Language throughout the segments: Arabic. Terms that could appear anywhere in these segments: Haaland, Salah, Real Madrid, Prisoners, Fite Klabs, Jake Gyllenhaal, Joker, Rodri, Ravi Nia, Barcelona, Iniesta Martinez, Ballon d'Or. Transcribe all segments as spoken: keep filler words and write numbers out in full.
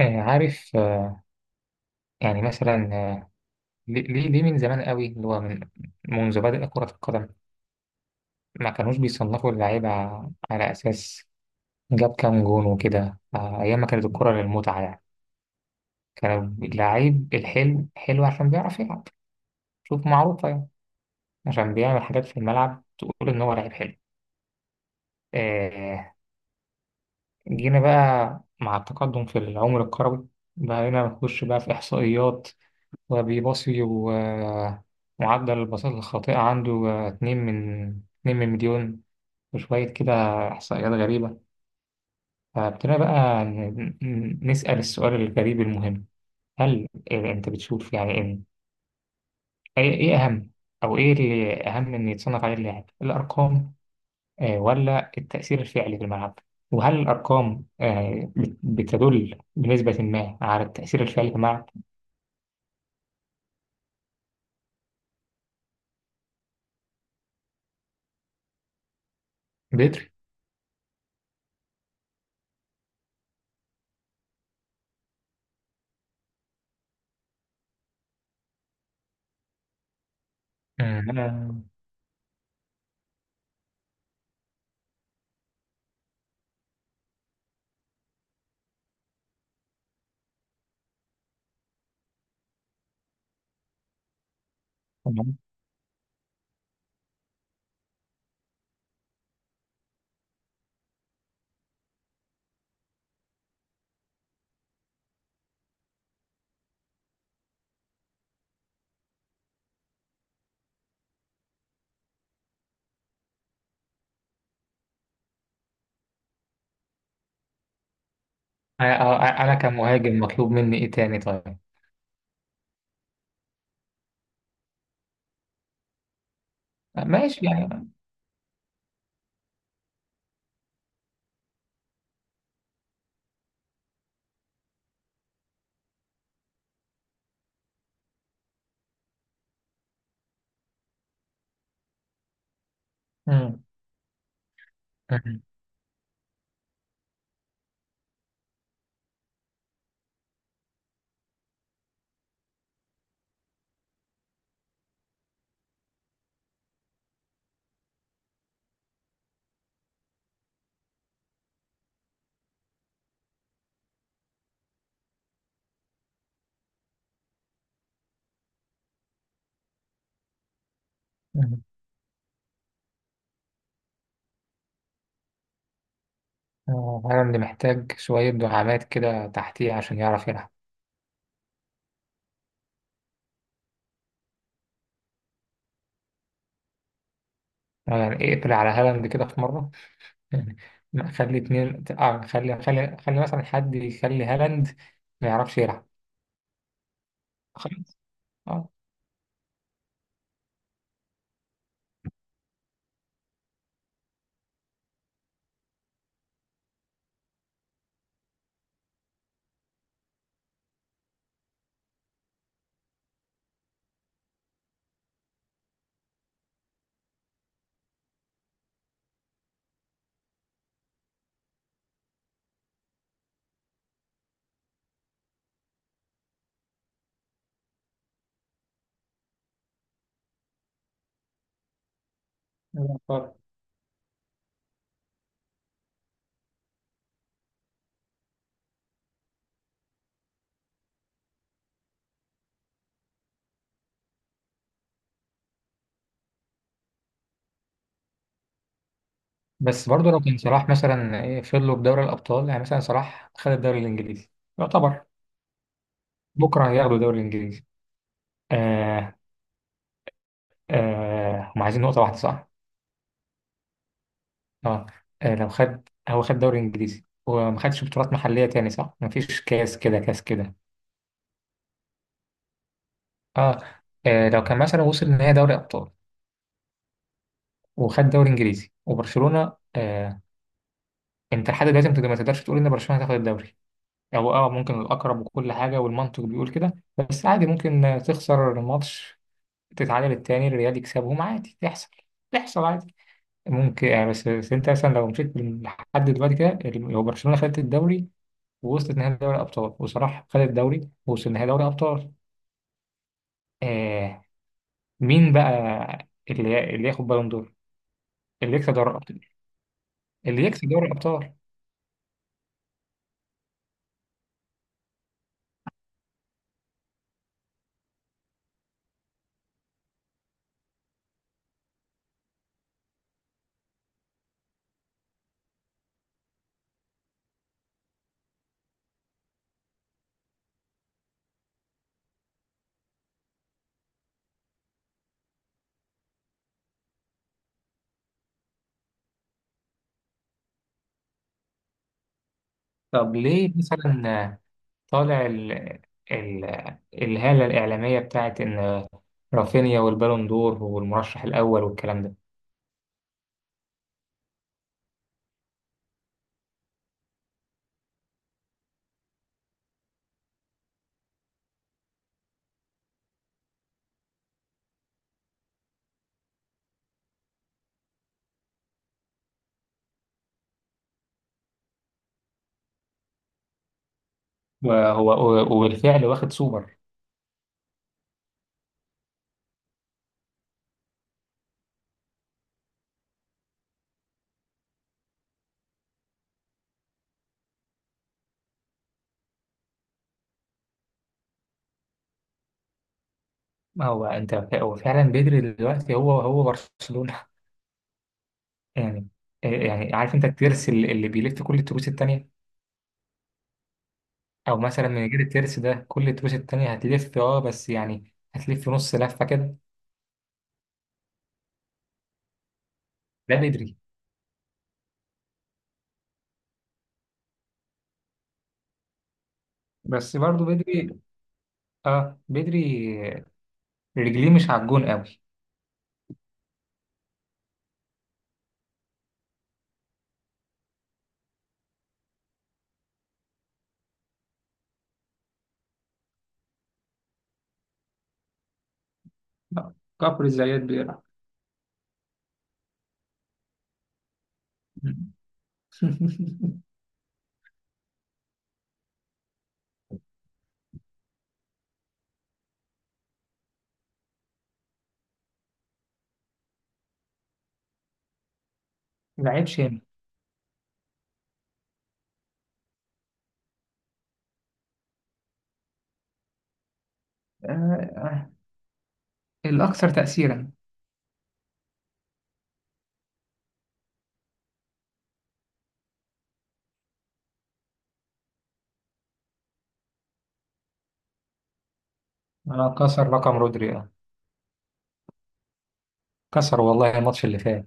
آه، عارف، آه، يعني مثلا، آه، ليه ليه ليه من زمان قوي، اللي هو من منذ بدأ كرة القدم ما كانوش بيصنفوا اللعيبة على أساس جاب كام جون وكده. آه، أيام ما كانت الكرة للمتعة يعني، كان اللعيب الحلو حلو عشان بيعرف يلعب، شوف، معروفة يعني، عشان بيعمل حاجات في الملعب تقول إن هو لعيب حلو. آه، جينا بقى مع التقدم في العمر الكروي بقينا نخش بقى في إحصائيات وبيباصي و... ومعدل الباصات الخاطئة عنده آه، اتنين من اتنين من مليون وشوية كده، إحصائيات غريبة. فابتدينا بقى ن- ن- نسأل السؤال الغريب المهم، هل إيه أنت بتشوف يعني إن إيه إيه أهم، أو إيه اللي أهم إن يتصنف عليه اللاعب؟ الأرقام آه، ولا التأثير الفعلي في الملعب؟ وهل الأرقام آه، بت- بتدل بنسبة ما على التأثير الفعلي في الملعب؟ بدري. آه، أنا أنا، أه، أنا كمهاجم مطلوب مني إيه تاني طيب؟ ماشي يعني. مم. مم. مم. آه، هالاند محتاج شوية دعامات كده تحتيه عشان يعرف يلعب. آه، يعني اقفل على هالاند كده في مرة، يعني ما- خلي اتنين، آه خلي خلي خلي مثلا حد يخلي هالاند ما يعرفش يلعب. خلاص. اه. يبقى خلاص. بس برضه لو كان صلاح مثلا، ايه، فضلوا بدوري الأبطال، يعني مثلا صلاح خد الدوري الإنجليزي، يعتبر بكرة هياخدوا الدوري الإنجليزي. آه. آه هم عايزين نقطة واحدة صح؟ اه. آه، لو خد، هو خد دوري انجليزي وما خدش بطولات محليه تاني صح، ما فيش كاس كده كاس كده. اه. آه، لو كان مثلا وصل نهائي دوري ابطال وخد دوري انجليزي وبرشلونه. آه. انت لحد دلوقتي ما تقدر- ما تقدرش تقول ان برشلونه هتاخد الدوري، او اه، ممكن الاقرب وكل حاجه والمنطق بيقول كده، بس عادي ممكن آه، تخسر الماتش، تتعادل التاني، الريال يكسبهم عادي، تحصل، تحصل عادي ممكن يعني. بس, بس انت مثلا لو مشيت لحد دلوقتي كده، لو برشلونه خدت الدوري ووصلت نهائي دوري الأبطال وصلاح خد الدوري ووصل نهائي دوري الأبطال، آه، مين بقى اللي اللي ياخد بالون دور؟ اللي يكسب دوري الأبطال؟ اللي يكسب دوري الأبطال؟ طب ليه مثلا طالع ال... ال... الهالة الإعلامية بتاعت إن رافينيا والبالون دور والمرشح الأول والكلام ده؟ وهو وبالفعل واخد سوبر. ما هو أنت، ف- هو فعلا بدري دلوقتي، هو هو برشلونة يعني. آه، يعني عارف أنت الترس اللي اللي بيلف كل التروس التانية، او مثلا من غير الترس ده كل التروس التانية هتلف، اه بس يعني هتلف نص لفة كده. ده بدري. بس برضه بدري، اه بدري، رجليه مش على الجون قوي. لا، كفر الزيات بيلعب. لعيب شامل. آه. آه. الأكثر تأثيرا. آه، كسر رقم رودري، آه. كسر والله، الماتش اللي فات.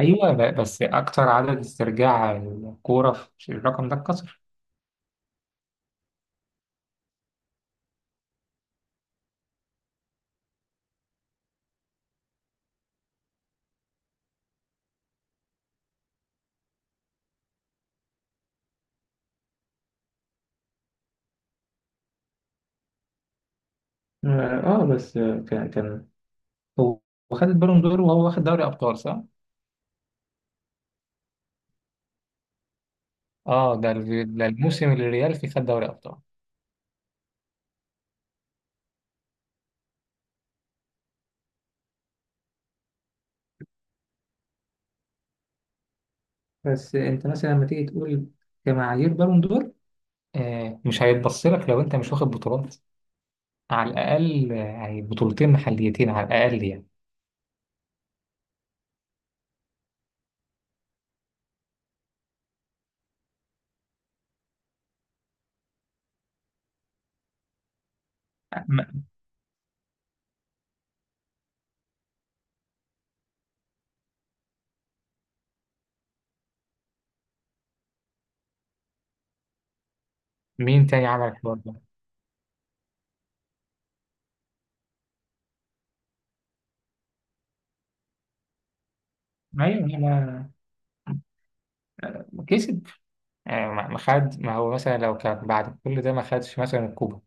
أيوه، ب- بس أكثر عدد استرجاع الكورة، في الرقم ده اتكسر. اه. آه، بس آه، كان كان هو، خد البالون دور وهو واخد دوري أبطال صح؟ اه، ده ال- ده الموسم اللي الريال فيه خد دوري ابطال. بس انت مثلا لما تيجي تقول كمعايير بالون دور، آه مش هيتبص لك لو انت مش واخد بطولات، على الاقل آه، يعني بطولتين محليتين على الاقل يعني. م- مين تاني عمل الحوار ده؟ ايوه، ما، ما كسب. آه ما ما خد. ما هو مثلا لو كان بعد كل ده ما خدش مثلا الكوبا،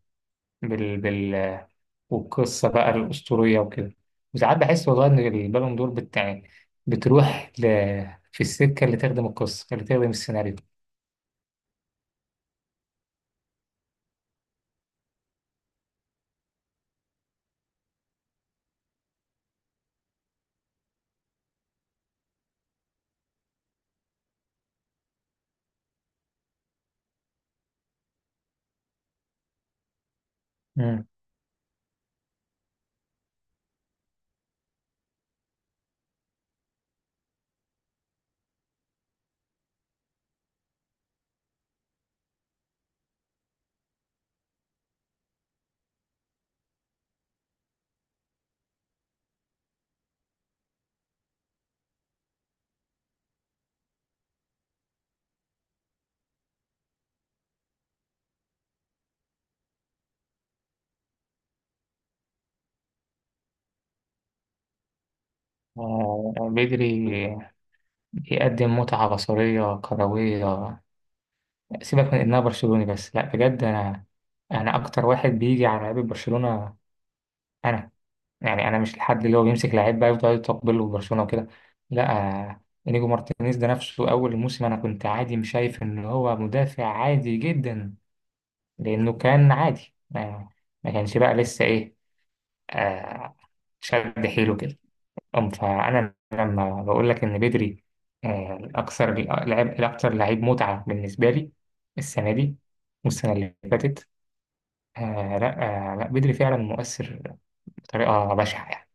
بال بال والقصة بقى الأسطورية وكده، وساعات بحس والله إن البالون دور بتاع، بتروح ل... في السكة اللي تخدم القصة، اللي تخدم السيناريو. مم. آه، بدري يقدم متعة بصرية كروية، سيبك من إنها برشلوني. بس لا بجد، أنا، أنا أكتر واحد بيجي على لعيبة برشلونة، أنا يعني، أنا مش الحد اللي هو بيمسك لعيب بقى يفضل يطبل له برشلونة وكده، لا. آه، إنيجو مارتينيز ده نفسه أول الموسم أنا كنت عادي مش شايف إن هو مدافع، عادي جدا، لأنه كان عادي، ما ما كانش بقى لسه إيه، آه شد حيله كده. أم، فأنا لما بقول لك إن بدري آه الأكثر، لعب الأكثر، لعيب متعة بالنسبة لي السنة دي والسنة اللي فاتت. آه لا آه لا بدري فعلا مؤثر بطريقة بشعة يعني.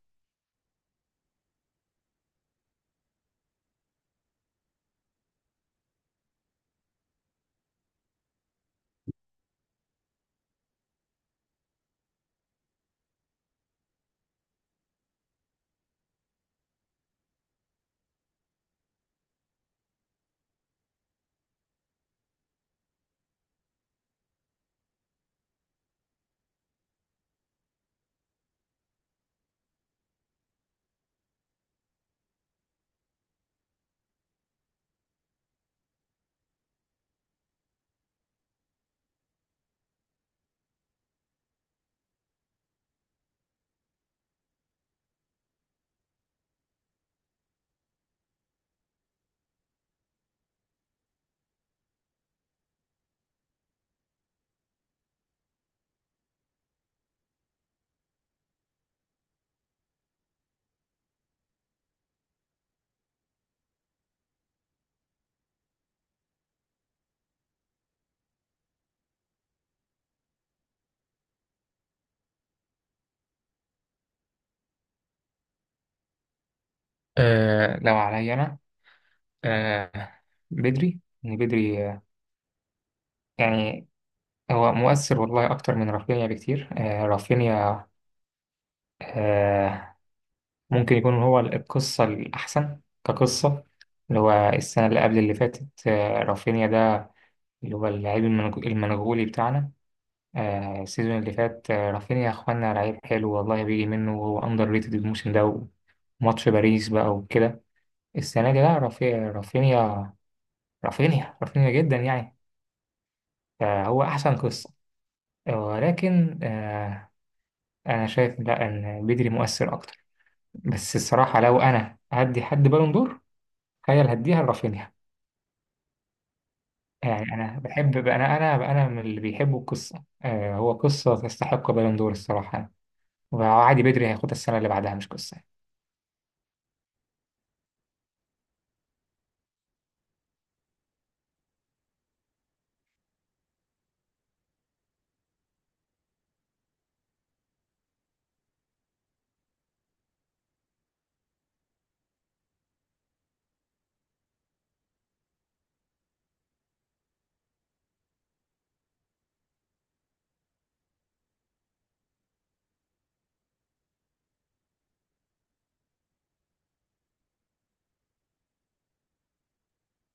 آه لو عليا أنا، آه بدري، إن بدري آه يعني، هو مؤثر والله أكتر من رافينيا بكتير. آه رافينيا، آه، ممكن يكون هو القصة الأحسن كقصة، اللي هو السنة اللي قبل اللي فاتت. آه، رافينيا ده اللي هو اللعيب المنغ- المنغولي بتاعنا. آه، السيزون اللي فات آه، رافينيا يا إخوانا لعيب حلو والله بيجي منه، وهو أندر ريتد الموسم ده وماتش باريس بقى وكده. السنة دي لا، رافي- رافينيا رافينيا رافينيا جدا يعني، فهو أحسن قصة. ولكن آه، أنا شايف لا، إن بدري مؤثر أكتر. بس الصراحة لو أنا هدي حد بالون دور تخيل هديها لرافينيا يعني. انا بحب، انا انا انا من اللي بيحبوا القصه. آه هو قصه تستحق بالون دور الصراحه. وعادي بدري هياخدها السنه اللي بعدها، مش قصه.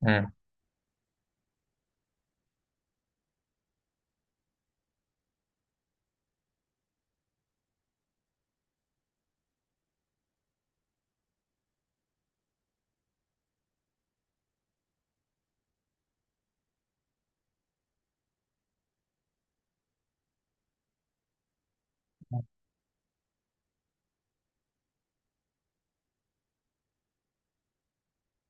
مم.